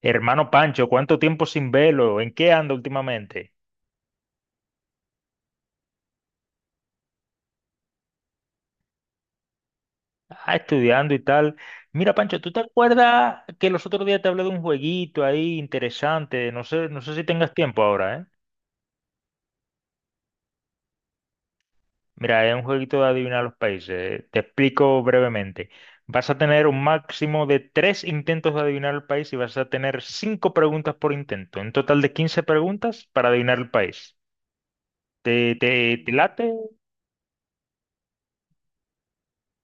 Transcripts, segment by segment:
Hermano Pancho, ¿cuánto tiempo sin verlo? ¿En qué anda últimamente? Ah, estudiando y tal. Mira, Pancho, ¿tú te acuerdas que los otros días te hablé de un jueguito ahí interesante? No sé si tengas tiempo ahora, ¿eh? Mira, es un jueguito de adivinar los países. Te explico brevemente. Vas a tener un máximo de tres intentos de adivinar el país y vas a tener cinco preguntas por intento. Un total de 15 preguntas para adivinar el país. ¿Te late?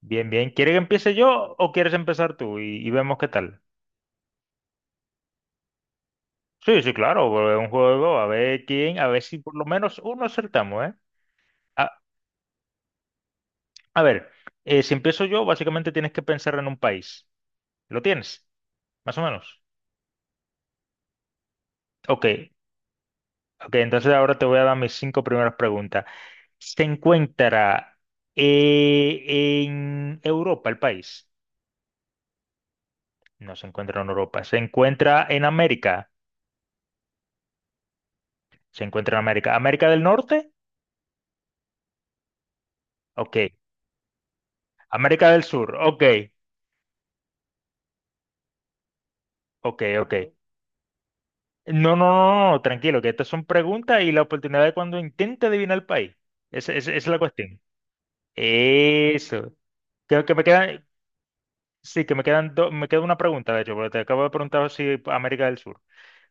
Bien, bien. ¿Quieres que empiece yo o quieres empezar tú y vemos qué tal? Sí, sí, claro, porque es un juego, a ver quién, a ver si por lo menos uno acertamos, ¿eh? A, a ver, si empiezo yo, básicamente tienes que pensar en un país. ¿Lo tienes? Más o menos. Ok, ok, entonces ahora te voy a dar mis cinco primeras preguntas. ¿Se encuentra en Europa el país? No se encuentra en Europa. ¿Se encuentra en América? Se encuentra en América. ¿América del Norte? Ok. ¿América del Sur? Ok, ok, ok. No, no, no, no, tranquilo, que estas son preguntas y la oportunidad de cuando intente adivinar el país. Esa es la cuestión. Eso. Creo que me quedan, sí, que me queda una pregunta, de hecho, porque te acabo de preguntar si América del Sur.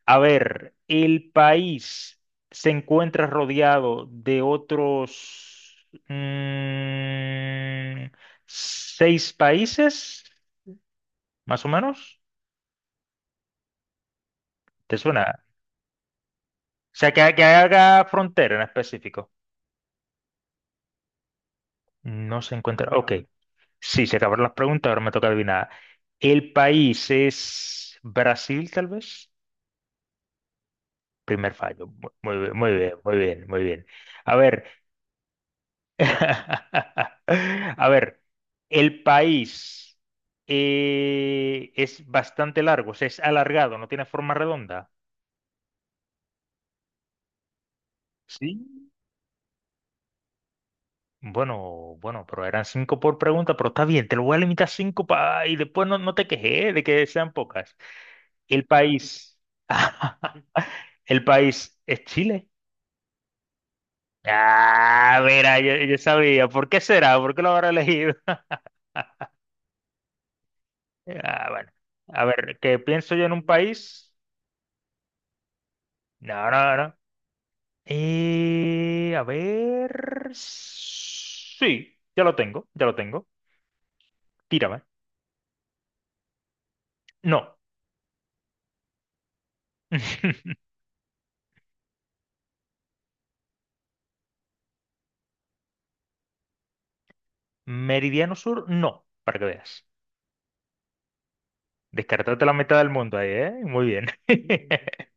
A ver, ¿el país se encuentra rodeado de otros mm, seis países, más o menos? ¿Te suena? O sea, que haga frontera en específico. No se encuentra. Ok. Sí, se acabaron las preguntas, ahora me toca adivinar. ¿El país es Brasil, tal vez? Primer fallo. Muy bien, muy bien, muy bien, muy bien. A ver, a ver, el país es bastante largo, o sea, es alargado, no tiene forma redonda. Sí. Bueno, bueno, pero eran cinco por pregunta, pero está bien, te lo voy a limitar a cinco pa y después no te quejes de que sean pocas. El país, el país es Chile. Ah, mira, yo sabía. ¿Por qué será? ¿Por qué lo habrá elegido? Ah, bueno. A ver, ¿qué pienso yo en un país? No, no, no. A ver. Sí, ya lo tengo, ya lo tengo. Tírame. No. Meridiano Sur, no, para que veas. Descartaste la mitad del mundo ahí, ¿eh? Muy bien.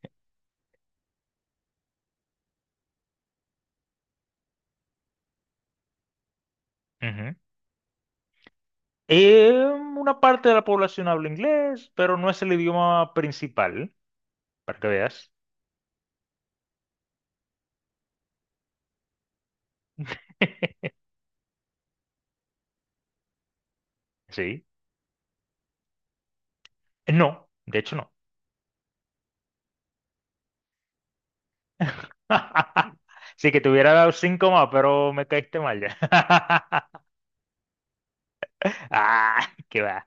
Ujú. Eh, una parte de la población habla inglés, pero no es el idioma principal, para que veas. Sí. No, de hecho no. Sí que te hubiera dado cinco más, pero me caíste mal ya. Ah, qué va.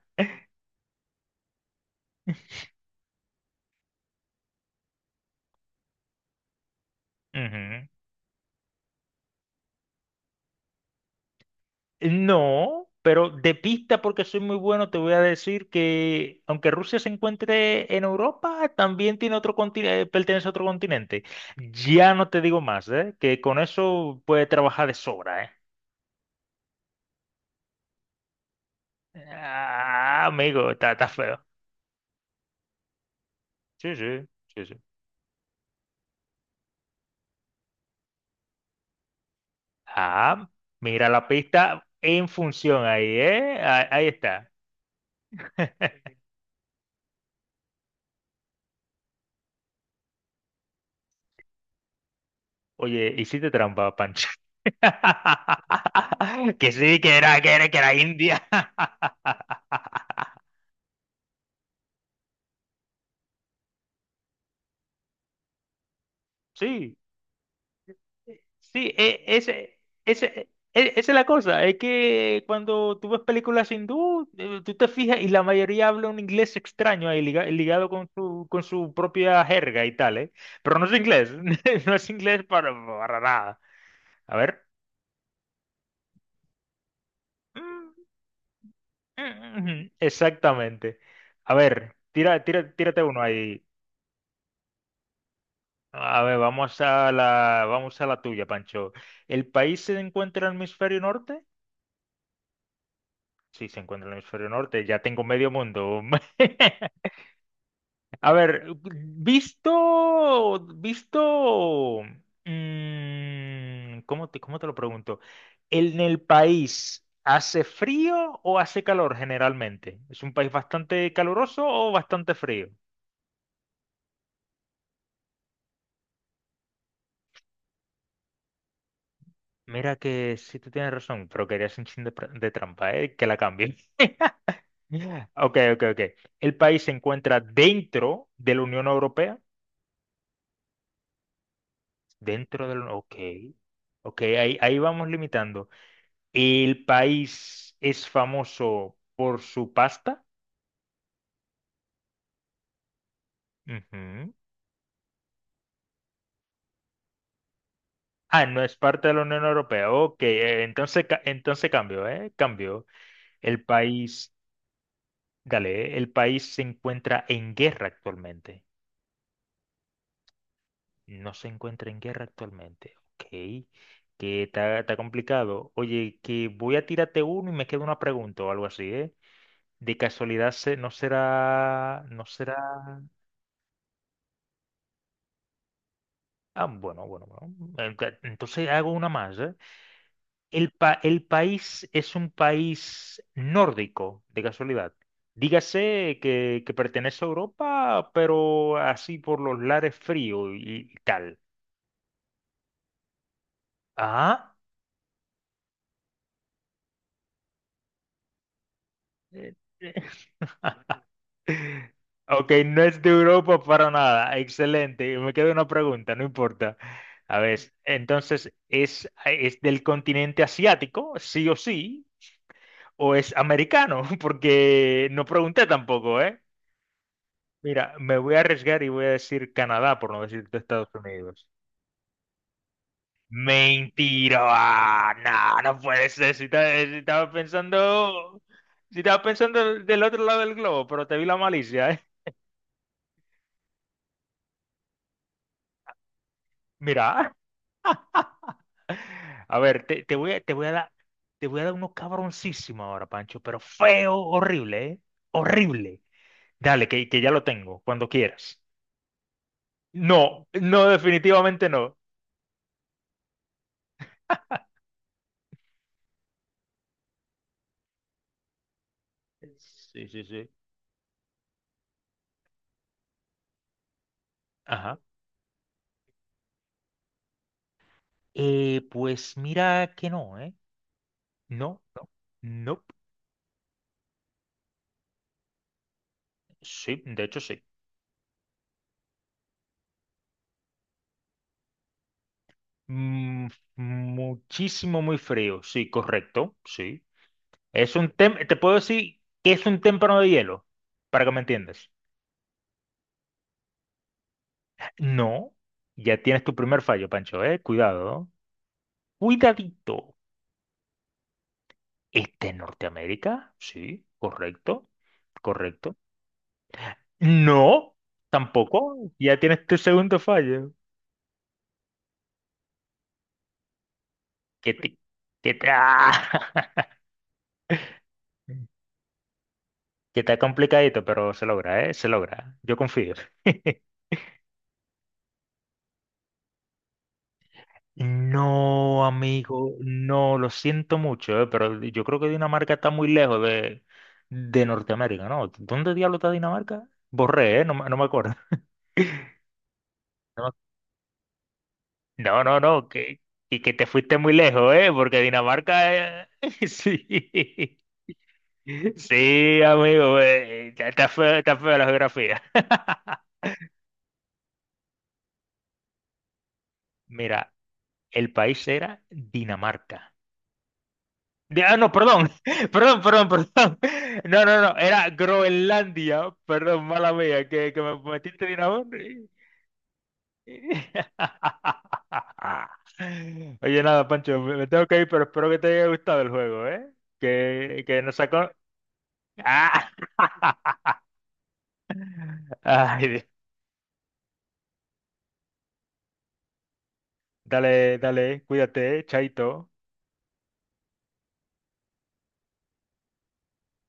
Ujú. No, pero de pista, porque soy muy bueno, te voy a decir que aunque Rusia se encuentre en Europa, también tiene otro continente, pertenece a otro continente. Ya no te digo más, ¿eh? Que con eso puede trabajar de sobra, ¿eh? Ah, amigo, está, está feo. Sí, sí, sí, sí. Ah, mira la pista en función ahí, ¿eh? Ah, ahí, está. Oye, hiciste trampa, Pancho. Que sí, que era India. Sí, sí, esa es la cosa. Es que cuando tú ves películas hindú, tú te fijas y la mayoría habla un inglés extraño ahí, ligado con su propia jerga y tal, ¿eh? Pero no es inglés, no es inglés para nada. A ver. Mm, Exactamente. A ver, tira, tira, tírate uno ahí. A ver, vamos a la tuya, Pancho. ¿El país se encuentra en el hemisferio norte? Sí, se encuentra en el hemisferio norte. Ya tengo medio mundo. A ver, visto, visto, ¿cómo te lo pregunto? ¿En el país hace frío o hace calor generalmente? ¿Es un país bastante caluroso o bastante frío? Mira que sí tú tienes razón, pero querías un chin de, de trampa, ¿eh? Que la cambié. Ok, ok, ok. El país se encuentra dentro de la Unión Europea. Dentro de la... Ok. Ok, ahí, ahí vamos limitando. El país es famoso por su pasta. Ujú. Ah, no es parte de la Unión Europea. Ok, entonces, entonces cambio, ¿eh? Cambio. El país, dale, ¿eh? El país se encuentra en guerra actualmente. No se encuentra en guerra actualmente. Ok. Que está, está complicado. Oye, que voy a tirarte uno y me queda una pregunta o algo así, ¿eh? De casualidad no será. No será. Ah, bueno, bueno, bueno. Entonces hago una más, ¿eh? El país es un país nórdico, de casualidad. Dígase que pertenece a Europa, pero así por los lares fríos y tal. Ah. eh, eh, Ok, no es de Europa para nada. Excelente. Y me queda una pregunta, no importa. A ver, entonces, ¿es del continente asiático, sí o sí? ¿O es americano? Porque no pregunté tampoco, ¿eh? Mira, me voy a arriesgar y voy a decir Canadá, por no decirte Estados Unidos. Mentira. Ah, no, no puede ser. Si estaba pensando del otro lado del globo, pero te vi la malicia, ¿eh? Mira. A ver, te voy a dar uno cabroncísimo ahora, Pancho, pero feo, horrible, ¿eh? Horrible. Dale, que ya lo tengo, cuando quieras. No, no, definitivamente no. Sí, sí, sí. Ajá. Pues mira que no, ¿eh? No, no, no. Sí, de hecho sí. Mm, muchísimo muy frío, sí, correcto, sí. Es un tem, te puedo decir que es un témpano de hielo, para que me entiendas. No, ya tienes tu primer fallo, Pancho, ¿eh? Cuidado, ¿no? Cuidadito. ¿Este en Norteamérica? Sí, correcto, correcto. No, tampoco. Ya tienes tu segundo fallo. Que te, ¡Ah! que está complicadito, pero se logra, ¿eh? Se logra. Yo confío. No, amigo, no, lo siento mucho, ¿eh? Pero yo creo que Dinamarca está muy lejos de Norteamérica, ¿no? ¿Dónde diablo está Dinamarca? Borré, ¿eh? No, no me acuerdo. No, no, no, no, y que te fuiste muy lejos, ¿eh? Porque Dinamarca, eh, sí, sí, amigo, está feo la geografía. Mira, el país era Dinamarca. No, perdón, perdón, perdón, perdón. No, no, no, era Groenlandia, perdón, mala mía, que me metiste Dinamarca. Oye, nada, Pancho, me tengo que ir, pero espero que te haya gustado el juego, ¿eh? Que nos sacó, Ah, ay, dale, dale, cuídate, chaito.